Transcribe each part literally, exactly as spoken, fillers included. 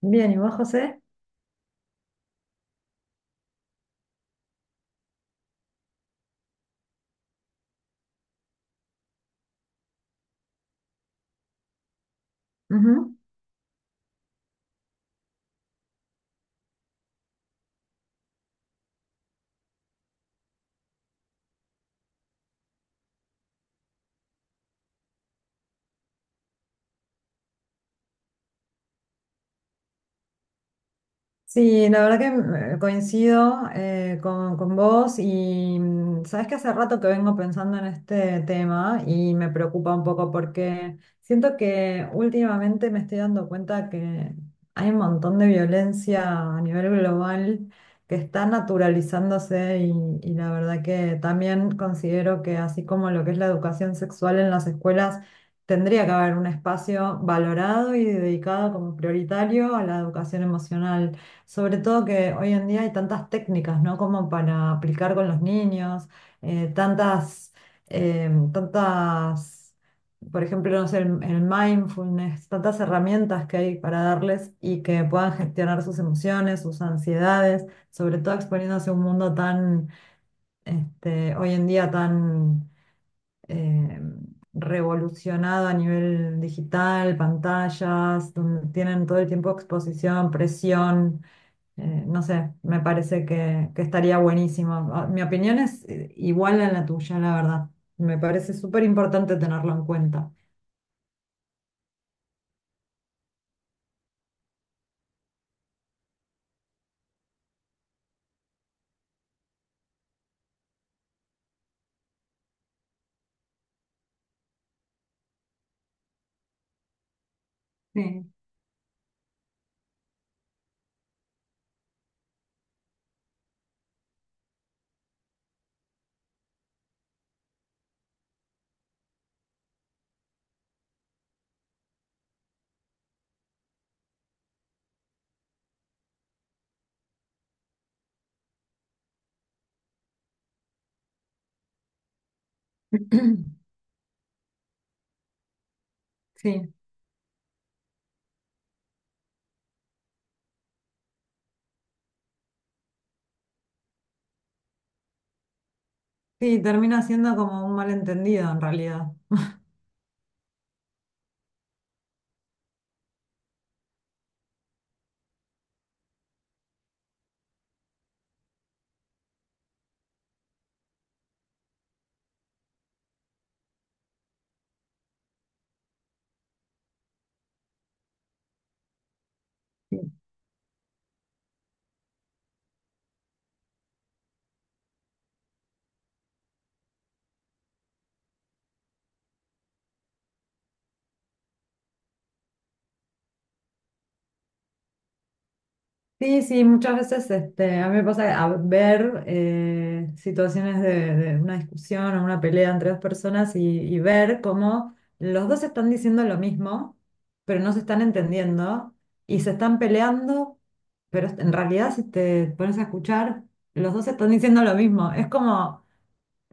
Bien, ¿y vos, José? Ujú. Sí, la verdad que eh, coincido eh, con, con vos y mm, sabes que hace rato que vengo pensando en este tema y me preocupa un poco porque siento que últimamente me estoy dando cuenta que hay un montón de violencia a nivel global que está naturalizándose y, y la verdad que también considero que así como lo que es la educación sexual en las escuelas tendría que haber un espacio valorado y dedicado como prioritario a la educación emocional. Sobre todo que hoy en día hay tantas técnicas, ¿no? Como para aplicar con los niños, eh, tantas, eh, tantas, por ejemplo, no sé, el, el mindfulness, tantas herramientas que hay para darles y que puedan gestionar sus emociones, sus ansiedades, sobre todo exponiéndose a un mundo tan, este, hoy en día tan eh, revolucionado a nivel digital, pantallas, donde tienen todo el tiempo exposición, presión. Eh, no sé, me parece que, que estaría buenísimo. Ah, Mi opinión es eh, igual a la tuya, la verdad. Me parece súper importante tenerlo en cuenta. Sí. Sí, sí, termina siendo como un malentendido en realidad. Sí, sí, muchas veces este, a mí me pasa que a ver eh, situaciones de, de una discusión o una pelea entre dos personas y, y ver cómo los dos están diciendo lo mismo, pero no se están entendiendo y se están peleando, pero en realidad si te pones a escuchar, los dos están diciendo lo mismo. Es como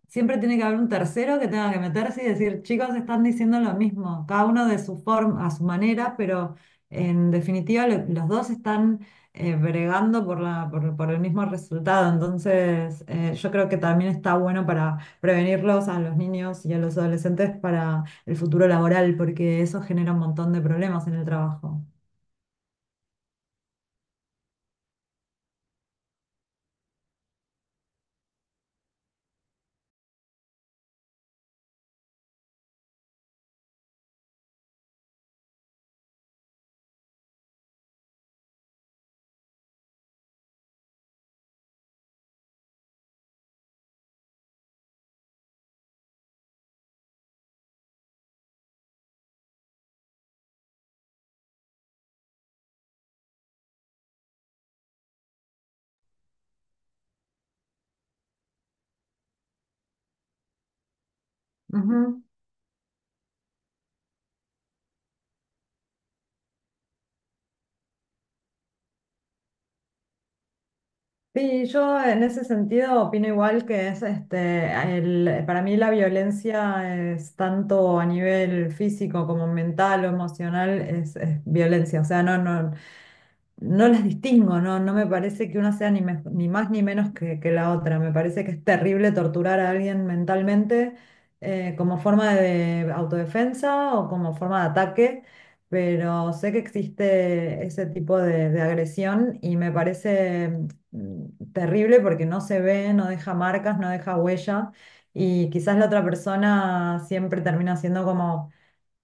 siempre tiene que haber un tercero que tenga que meterse y decir: chicos, están diciendo lo mismo, cada uno de su forma, a su manera, pero en definitiva lo- los dos están eh, bregando por la, por, por el mismo resultado. Entonces, eh, yo creo que también está bueno para prevenirlos a los niños y a los adolescentes para el futuro laboral, porque eso genera un montón de problemas en el trabajo. Ujú. Sí, yo en ese sentido opino igual que es este, el- para mí la violencia es tanto a nivel físico como mental o emocional, es, es violencia. O sea, no, no, no las distingo, no, no me parece que una sea ni, mej- ni más ni menos que, que la otra. Me parece que es terrible torturar a alguien mentalmente eh, como forma de autodefensa o como forma de ataque, pero sé que existe ese tipo de, de agresión y me parece mm, terrible porque no se ve, no deja marcas, no deja huella, y quizás la otra persona siempre termina siendo como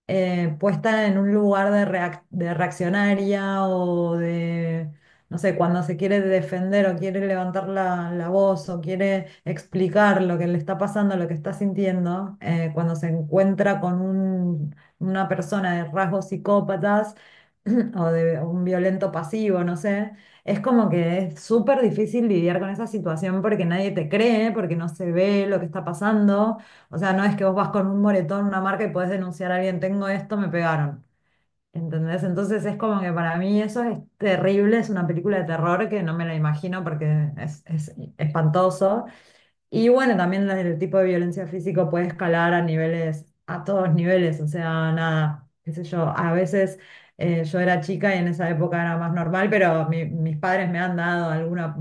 eh, puesta en un lugar de, reac- de reaccionaria o de, no sé, cuando se quiere defender o quiere levantar la, la voz o quiere explicar lo que le está pasando, lo que está sintiendo. Eh, cuando se encuentra con un- una persona de rasgos psicópatas o de un violento pasivo, no sé. Es como que es súper difícil lidiar con esa situación porque nadie te cree, porque no se ve lo que está pasando. O sea, no es que vos vas con un moretón, una marca y podés denunciar a alguien: tengo esto, me pegaron. ¿Entendés? Entonces es como que para mí eso es terrible, es una película de terror que no me la imagino porque es, es espantoso. Y bueno, también el tipo de violencia física puede escalar a niveles, a todos niveles, o sea, nada, qué sé yo, a veces eh, yo era chica y en esa época era más normal, pero mi- mis padres me han dado alguna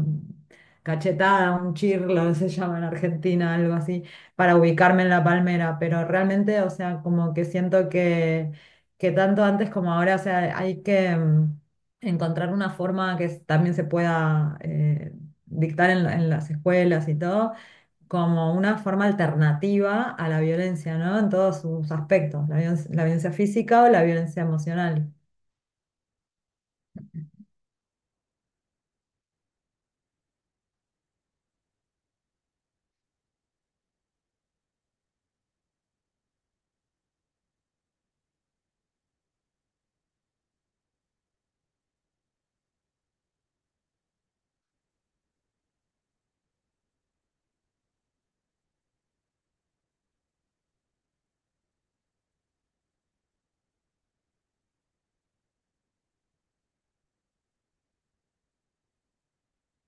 cachetada, un chirlo, se llama en Argentina, algo así, para ubicarme en la palmera, pero realmente, o sea, como que siento que, que tanto antes como ahora, o sea, hay que mm, encontrar una forma que s- también se pueda eh, dictar en la- en las escuelas y todo, como una forma alternativa a la violencia, ¿no? En todos sus aspectos, la violencia, la violencia física o la violencia emocional.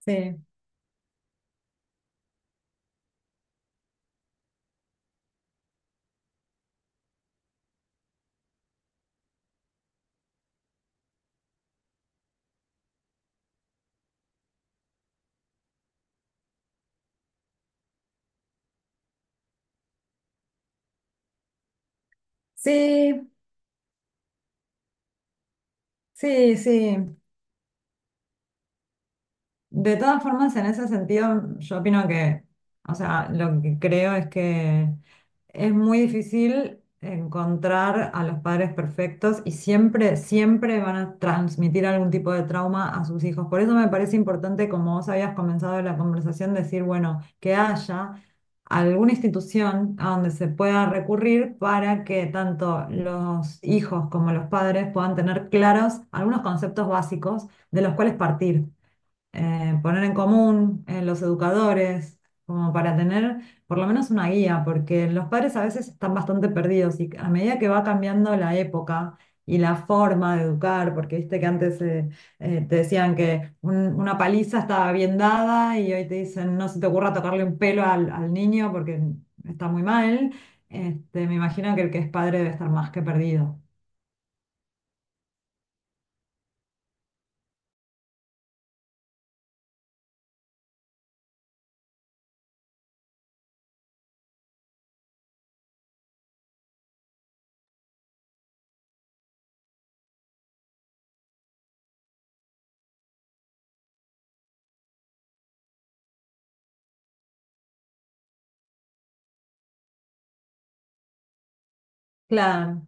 Sí, sí, sí, sí. De todas formas, en ese sentido, yo opino que, o sea, lo que creo es que es muy difícil encontrar a los padres perfectos y siempre, siempre van a transmitir algún tipo de trauma a sus hijos. Por eso me parece importante, como vos habías comenzado la conversación, decir, bueno, que haya alguna institución a donde se pueda recurrir para que tanto los hijos como los padres puedan tener claros algunos conceptos básicos de los cuales partir, eh, poner en común eh, los educadores, como para tener por lo menos una guía, porque los padres a veces están bastante perdidos y a medida que va cambiando la época y la forma de educar, porque viste que antes eh, eh, te decían que un- una paliza estaba bien dada y hoy te dicen no se te ocurra tocarle un pelo al, al niño porque está muy mal. Este, me imagino que el que es padre debe estar más que perdido. Claro,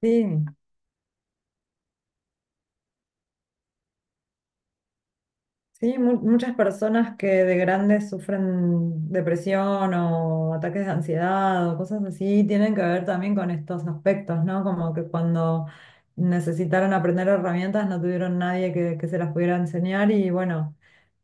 sí. Sí, mu- muchas personas que de grandes sufren depresión o ataques de ansiedad o cosas así tienen que ver también con estos aspectos, ¿no? Como que cuando necesitaron aprender herramientas no tuvieron nadie que, que se las pudiera enseñar y bueno,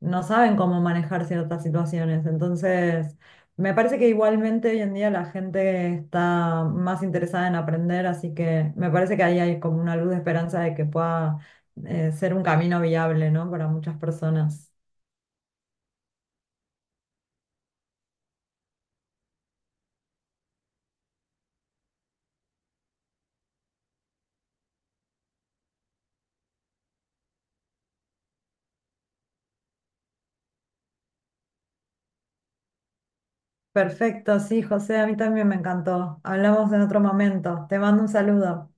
no saben cómo manejar ciertas situaciones. Entonces, me parece que igualmente hoy en día la gente está más interesada en aprender, así que me parece que ahí hay como una luz de esperanza de que pueda eh, ser un camino viable, ¿no? Para muchas personas. Perfecto, sí, José, a mí también me encantó. Hablamos en otro momento. Te mando un saludo.